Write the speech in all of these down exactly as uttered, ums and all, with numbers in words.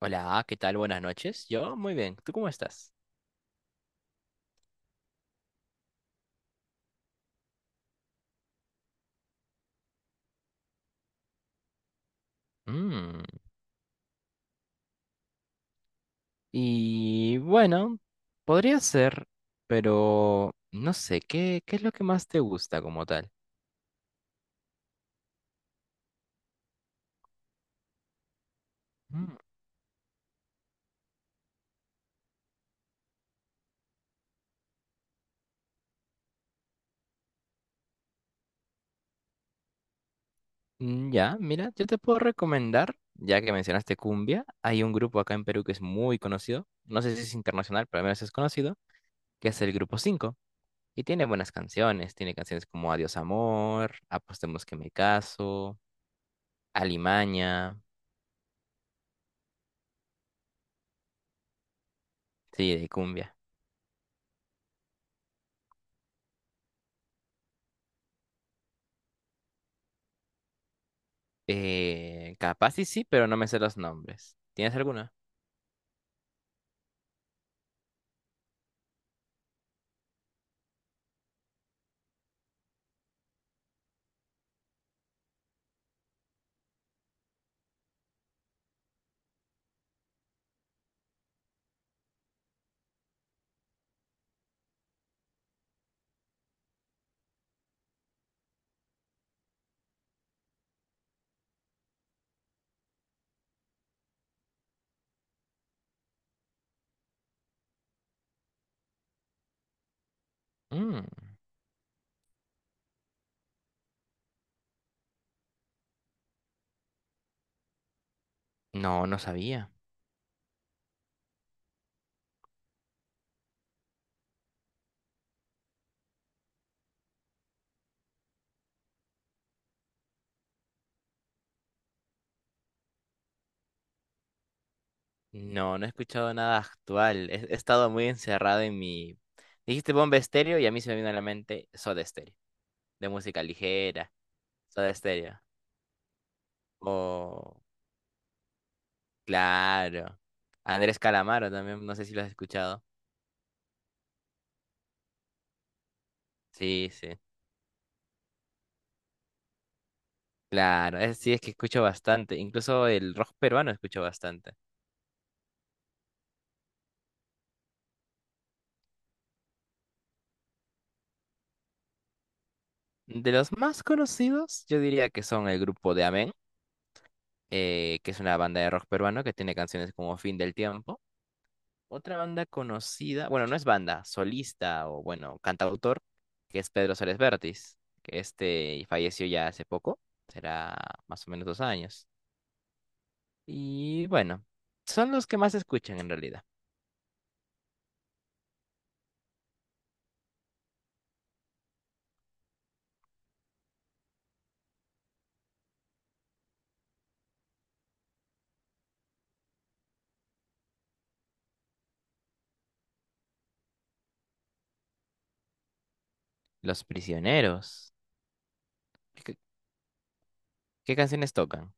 Hola, ¿qué tal? Buenas noches. Yo muy bien. ¿Tú cómo estás? Mm, Y bueno, podría ser, pero no sé, ¿qué, qué es lo que más te gusta como tal? Mm, mm, Ya, mira, yo te puedo recomendar, ya que mencionaste cumbia, hay un grupo acá en Perú que es muy conocido, no sé si es internacional, pero al menos es conocido, que es el Grupo Cinco. Y tiene buenas canciones, tiene canciones como Adiós Amor, Apostemos que me caso, Alimaña, sí, de cumbia. Eh, capaz y sí, pero no me sé los nombres. ¿Tienes alguna? Mm, no, no sabía. No, no he escuchado nada actual. He, he estado muy encerrado en mi... Dijiste Bomba Estéreo y a mí se me vino a la mente Soda Stereo, de música ligera, Soda Stereo. Oh, claro. Andrés Calamaro también, no sé si lo has escuchado. Sí, sí. Claro, es, sí, es que escucho bastante. Incluso el rock peruano escucho bastante. De los más conocidos, yo diría que son el grupo de Amén. Eh, que es una banda de rock peruano que tiene canciones como Fin del Tiempo. Otra banda conocida, bueno, no es banda, solista o bueno, cantautor, que es Pedro Suárez Vértiz, que este falleció ya hace poco, será más o menos dos años. Y bueno, son los que más se escuchan en realidad. Los prisioneros. ¿Qué, qué canciones tocan?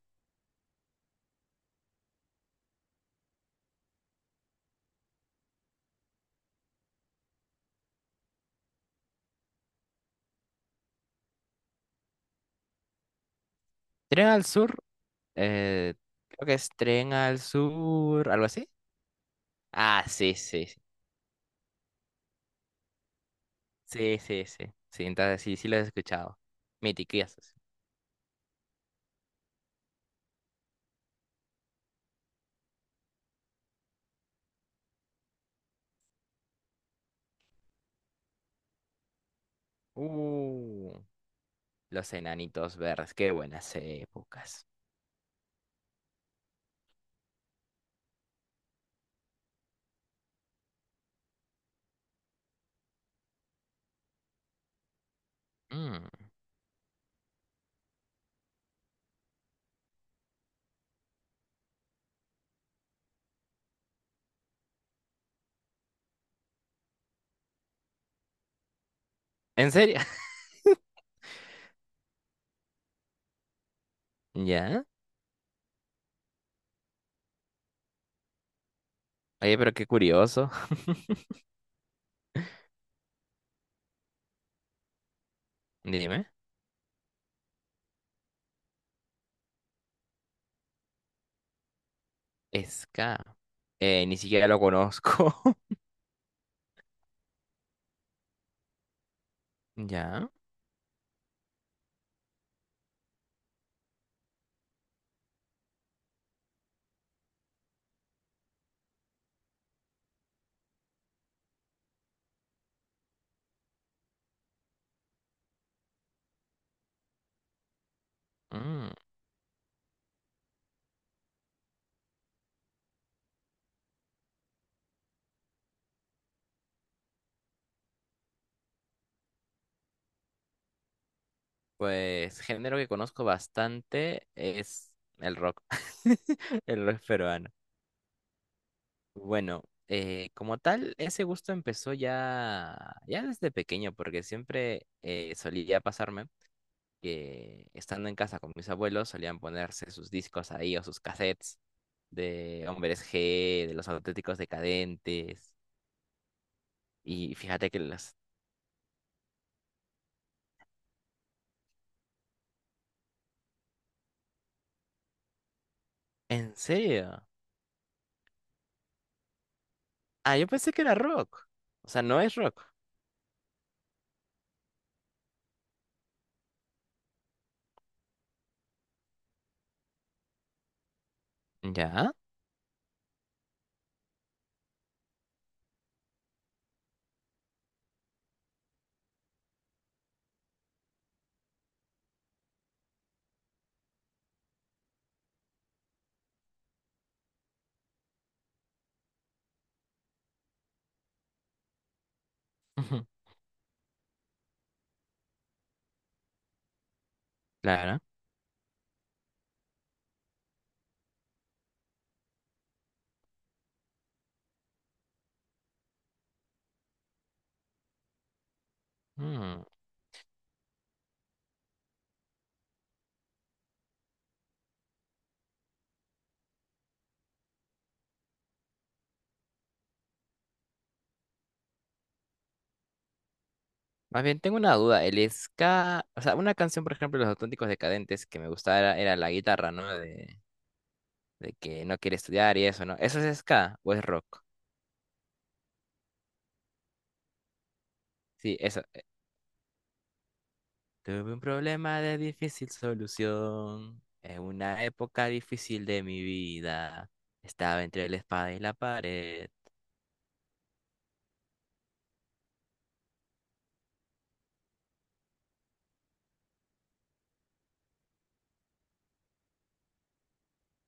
Tren al sur, eh, creo que es Tren al sur, algo así. Ah, sí, sí, sí. Sí, sí, sí. Sí, entonces sí, sí los he escuchado. Mitiquiosos. Uh, los enanitos verdes, qué buenas épocas. Mm, ¿en serio? ¿Ya? Oye, pero qué curioso. Dime. Ska. Eh, ni siquiera lo conozco. ¿Ya? Mm, pues género que conozco bastante es el rock. El rock peruano. Bueno, eh, como tal, ese gusto empezó ya, ya desde pequeño, porque siempre eh, solía pasarme que estando en casa con mis abuelos solían ponerse sus discos ahí o sus cassettes de Hombres G, de los Auténticos Decadentes. Y fíjate que los... ¿En serio? Ah, yo pensé que era rock. O sea, no es rock. ¿Ya? Ujú, claro. Mm. Más bien, tengo una duda. El ska, o sea, una canción, por ejemplo, de Los Auténticos Decadentes que me gustaba era, era la guitarra, ¿no? De, de que no quiere estudiar y eso, ¿no? ¿Eso es ska o es rock? Sí, eso. Tuve un problema de difícil solución. En una época difícil de mi vida. Estaba entre la espada y la pared.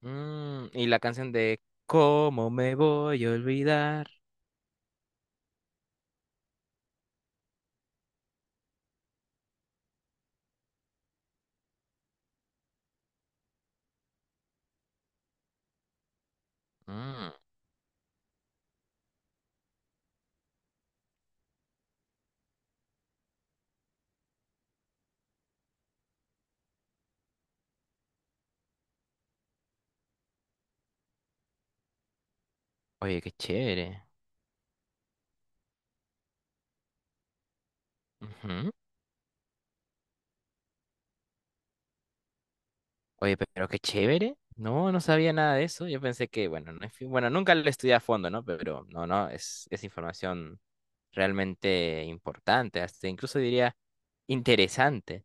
Mm, y la canción de ¿cómo me voy a olvidar? Mm, oye, qué chévere. Ujú. Oye, pero qué chévere. No, no sabía nada de eso. Yo pensé que, bueno, no, en fin, bueno, nunca lo estudié a fondo, ¿no? Pero no, no, es, es información realmente importante, hasta incluso diría interesante.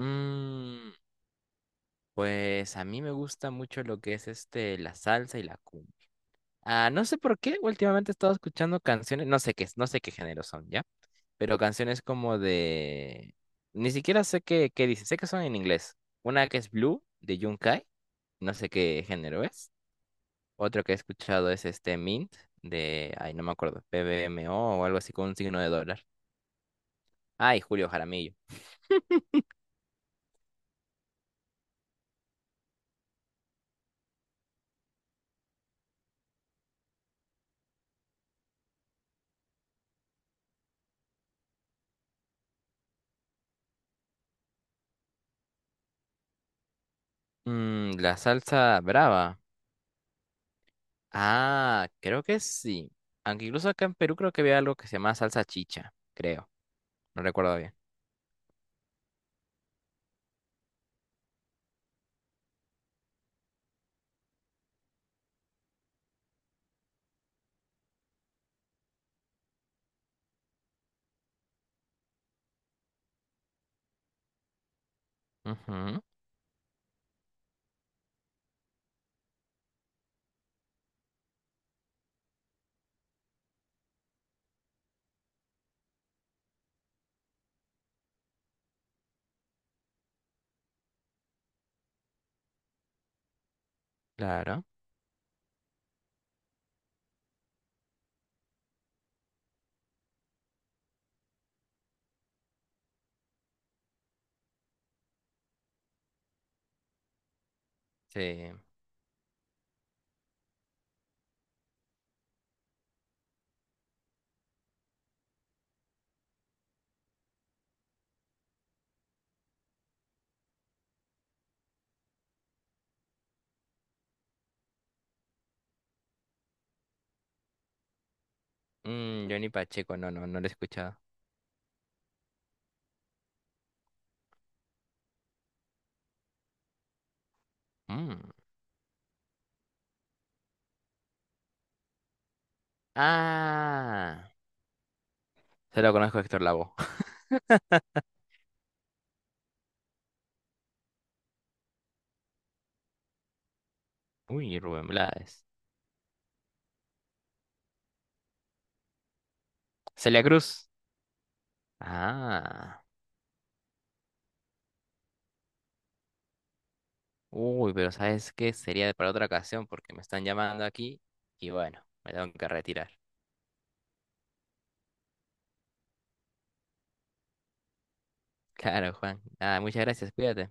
Mm, pues a mí me gusta mucho lo que es este, la salsa y la cumbia. Ah, no sé por qué, últimamente he estado escuchando canciones, no sé qué, no sé qué género son, ¿ya? Pero canciones como de... Ni siquiera sé qué, qué dice, sé que son en inglés. Una que es Blue de Yunkai, no sé qué género es. Otro que he escuchado es este Mint de, ay, no me acuerdo, PBMO o o algo así con un signo de dólar. Ay, Julio Jaramillo. Mm, la salsa brava. Ah, creo que sí. Aunque incluso acá en Perú creo que había algo que se llama salsa chicha, creo. No recuerdo bien. Ujú, claro. Sí. Mm, Johnny Pacheco, no, no, no lo he escuchado. Mm. Ah, se lo conozco a Héctor Lavoe. Uy, Rubén Blades. Celia Cruz. Ah, uy, pero ¿sabes qué? Sería para otra ocasión porque me están llamando aquí y bueno, me tengo que retirar. Claro, Juan. Nada, muchas gracias, cuídate.